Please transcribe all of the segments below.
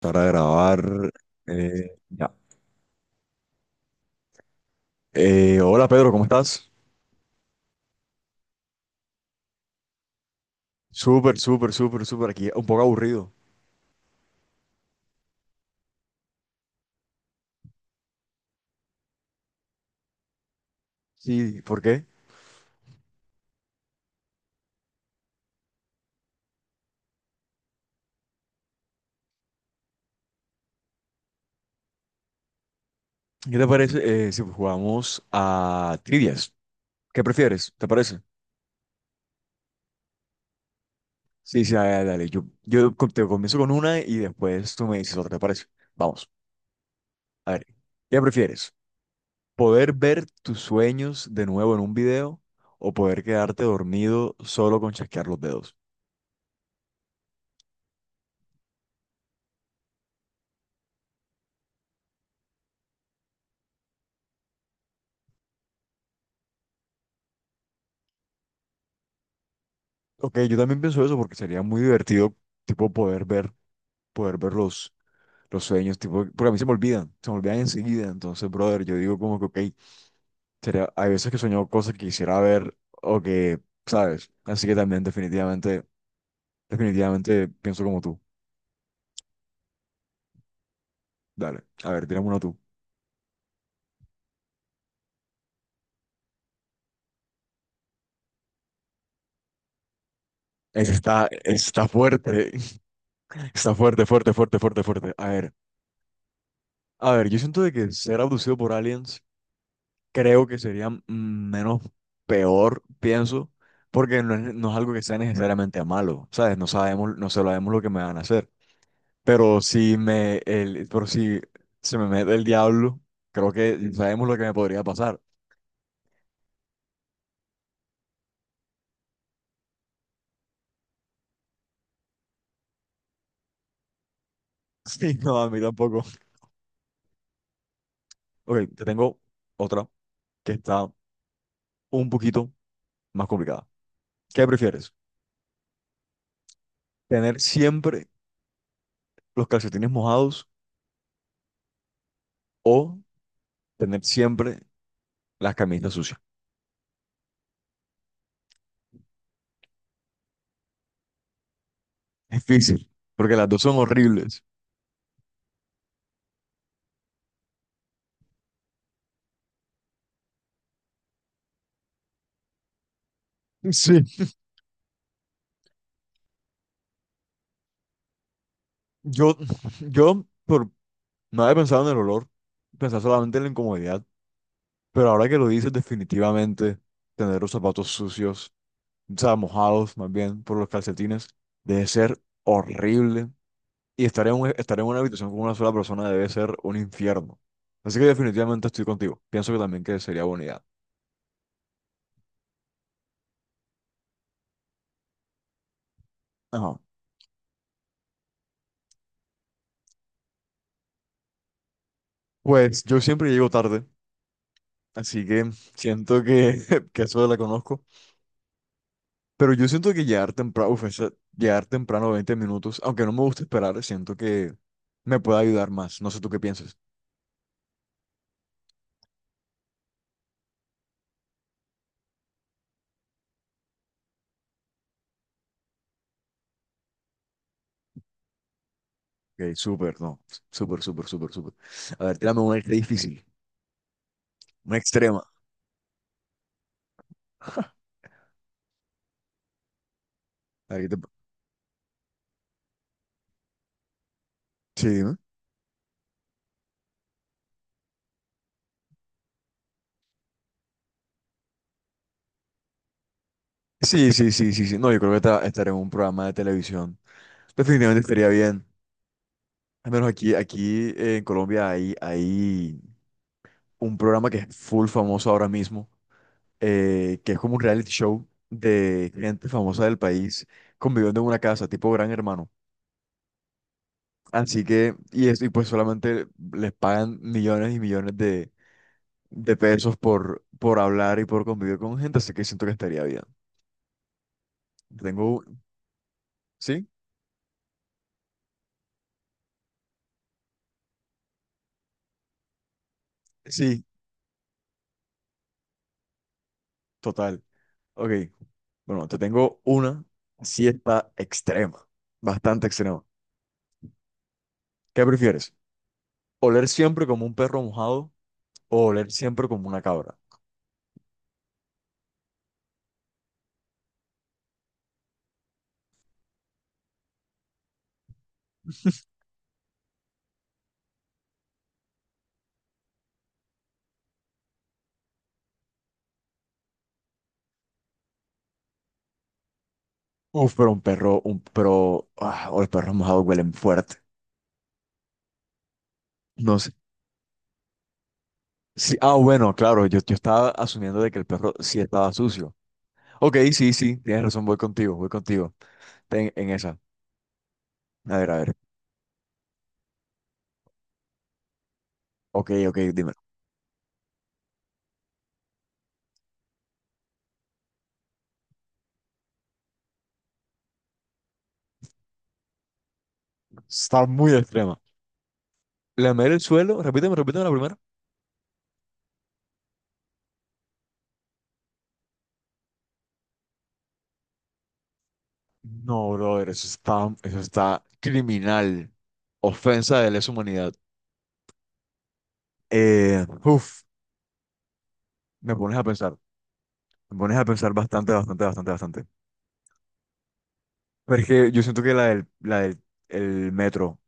Para grabar. Ya. Hola Pedro, ¿cómo estás? Súper, súper, súper, súper. Aquí un poco aburrido. Sí, ¿por qué? ¿Qué te parece si jugamos a trivias? ¿Qué prefieres? ¿Te parece? Sí, sí, dale, dale. Te comienzo con una y después tú me dices otra, ¿te parece? Vamos, a ver. ¿Qué prefieres? ¿Poder ver tus sueños de nuevo en un video o poder quedarte dormido solo con chasquear los dedos? Ok, yo también pienso eso porque sería muy divertido, tipo, poder ver los sueños, tipo, porque a mí se me olvidan enseguida. Entonces, brother, yo digo como que, ok, sería, hay veces que he soñado cosas que quisiera ver o que, ¿sabes? Así que también definitivamente pienso como tú. Dale, a ver, tírame uno tú. Ese Está, está fuerte, está fuerte, fuerte, fuerte, fuerte, fuerte. A ver, yo siento de que ser abducido por aliens creo que sería menos peor, pienso, porque no es algo que sea necesariamente malo, ¿sabes? No sabemos lo que me van a hacer. Pero si se me mete el diablo, creo que sabemos lo que me podría pasar. Sí, no, a mí tampoco. Ok, te tengo otra que está un poquito más complicada. ¿Qué prefieres? ¿Tener siempre los calcetines mojados o tener siempre las camisas sucias? Es difícil, porque las dos son horribles. Sí. Yo, yo por, no había pensado en el olor, pensaba solamente en la incomodidad, pero ahora que lo dices, definitivamente tener los zapatos sucios, o sea, mojados más bien por los calcetines, debe ser horrible. Y estar en una habitación con una sola persona debe ser un infierno. Así que definitivamente estoy contigo. Pienso que también que sería buena idea. Ajá. Pues yo siempre llego tarde, así que siento que que eso la conozco. Pero yo siento que llegar temprano, uf, llegar temprano 20 minutos, aunque no me gusta esperar, siento que me puede ayudar más. No sé tú qué piensas. Ok, súper, no. Súper, súper, súper, súper. A ver, tírame una extra difícil, una extrema. A ver, sí, dime. Sí, sí, sí, sí, sí. No, yo creo que estaré en un programa de televisión. Definitivamente estaría bien. Al menos aquí, en Colombia hay, hay un programa que es full famoso ahora mismo que es como un reality show de gente famosa del país conviviendo en una casa, tipo Gran Hermano. Así que, y, y pues solamente les pagan millones y millones de pesos por hablar y por convivir con gente, así que siento que estaría bien. Tengo, ¿sí? Sí, total. Ok, bueno, te tengo una siesta extrema, bastante extrema. ¿Qué prefieres? ¿Oler siempre como un perro mojado o oler siempre como una cabra? Uf, pero un perro, un pero, ah, o los perros mojados huelen fuerte. No sé. Sí, ah, bueno, claro, yo estaba asumiendo de que el perro sí estaba sucio. Ok, sí, sí, tienes razón, voy contigo, voy contigo. Ten en esa. A ver, a ver. Ok, ok, dime. Está muy extrema. Lamer el suelo, repíteme, repíteme la primera. No, brother, eso está criminal. Ofensa de lesa humanidad. Uf, me pones a pensar. Me pones a pensar bastante, bastante, bastante, bastante. Pero es que yo siento que la del el metro,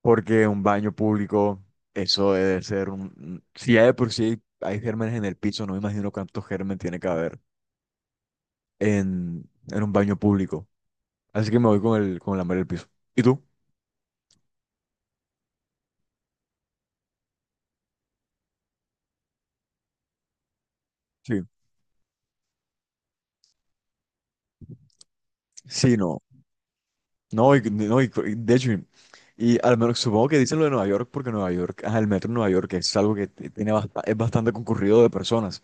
porque un baño público, eso debe ser un... Si ya de por sí hay gérmenes en el piso, no me imagino cuántos gérmenes tiene que haber en un baño público. Así que me voy con el, con la madre del piso. ¿Y tú? Sí. Sí, no. No, y de hecho, y al menos supongo que dicen lo de Nueva York, porque Nueva York, ajá, el metro en Nueva York es algo que tiene es bastante concurrido de personas.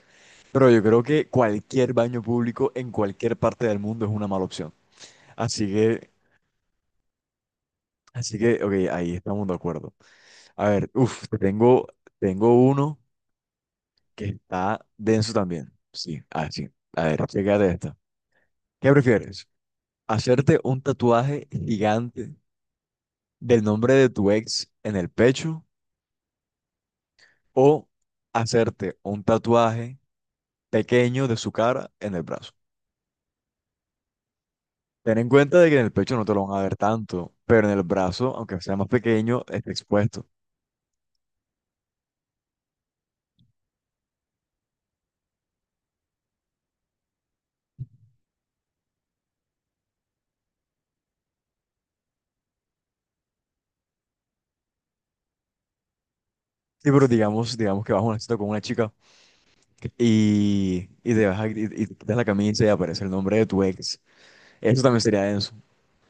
Pero yo creo que cualquier baño público en cualquier parte del mundo es una mala opción. Así que, así que, ok, ahí estamos de acuerdo. A ver, uff, tengo, tengo uno que está denso también. Sí, así. A ver, chécate esta. ¿Qué prefieres? ¿Hacerte un tatuaje gigante del nombre de tu ex en el pecho o hacerte un tatuaje pequeño de su cara en el brazo? Ten en cuenta de que en el pecho no te lo van a ver tanto, pero en el brazo, aunque sea más pequeño, está expuesto. Sí, pero digamos, digamos que vas a una cita con una chica. Ok. Y te quitas la camisa y aparece el nombre de tu ex. Eso también sería denso.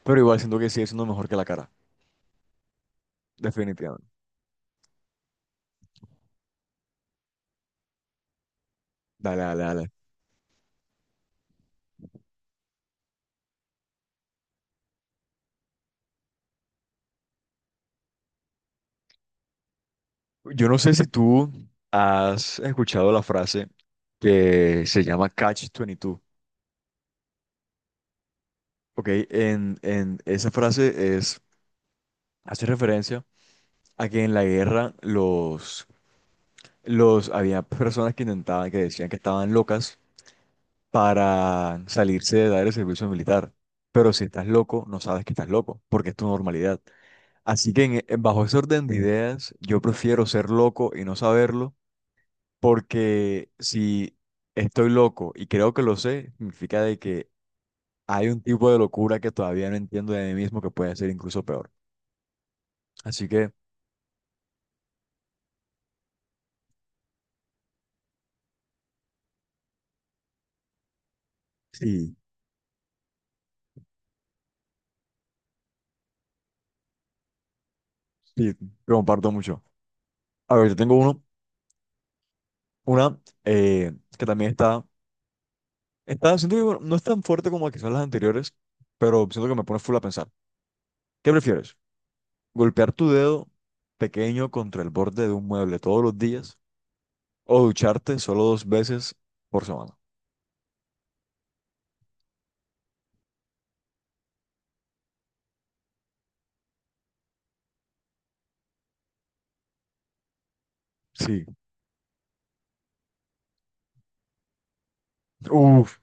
Pero igual siento que sigue siendo mejor que la cara. Definitivamente. Dale, dale, dale. Yo no sé si tú has escuchado la frase que se llama Catch 22. Ok, en esa frase es, hace referencia a que en la guerra había personas que intentaban, que decían que estaban locas para salirse de dar el servicio militar. Pero si estás loco, no sabes que estás loco, porque es tu normalidad. Así que bajo ese orden de ideas, yo prefiero ser loco y no saberlo, porque si estoy loco y creo que lo sé, significa de que hay un tipo de locura que todavía no entiendo de mí mismo que puede ser incluso peor. Así que sí, sí, lo comparto mucho. A ver, yo tengo uno, una eh, que también está. Está, siento que bueno, no es tan fuerte como quizás las anteriores, pero siento que me pone full a pensar. ¿Qué prefieres? ¿Golpear tu dedo pequeño contra el borde de un mueble todos los días o ducharte solo 2 veces por semana? Sí. Uf.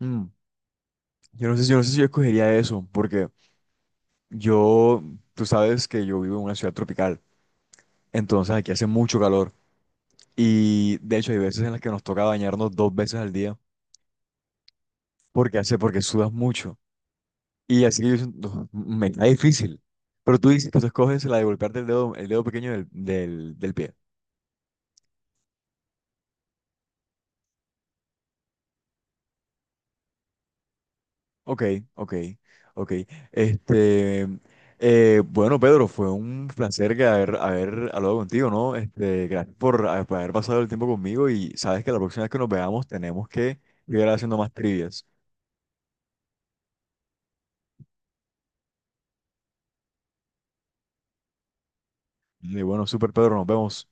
Mm. Yo no sé si yo escogería eso, porque yo, tú sabes que yo vivo en una ciudad tropical, entonces aquí hace mucho calor y de hecho hay veces en las que nos toca bañarnos 2 veces al día porque hace, porque sudas mucho. Y así que no, me cae difícil. Pero tú dices que tú escoges la de golpearte el dedo pequeño del pie. Ok, ok, ok. Este, bueno, Pedro, fue un placer que haber hablado contigo, ¿no? Este, gracias por haber pasado el tiempo conmigo y sabes que la próxima vez que nos veamos tenemos que ir haciendo más trivias. Y bueno, super Pedro, nos vemos.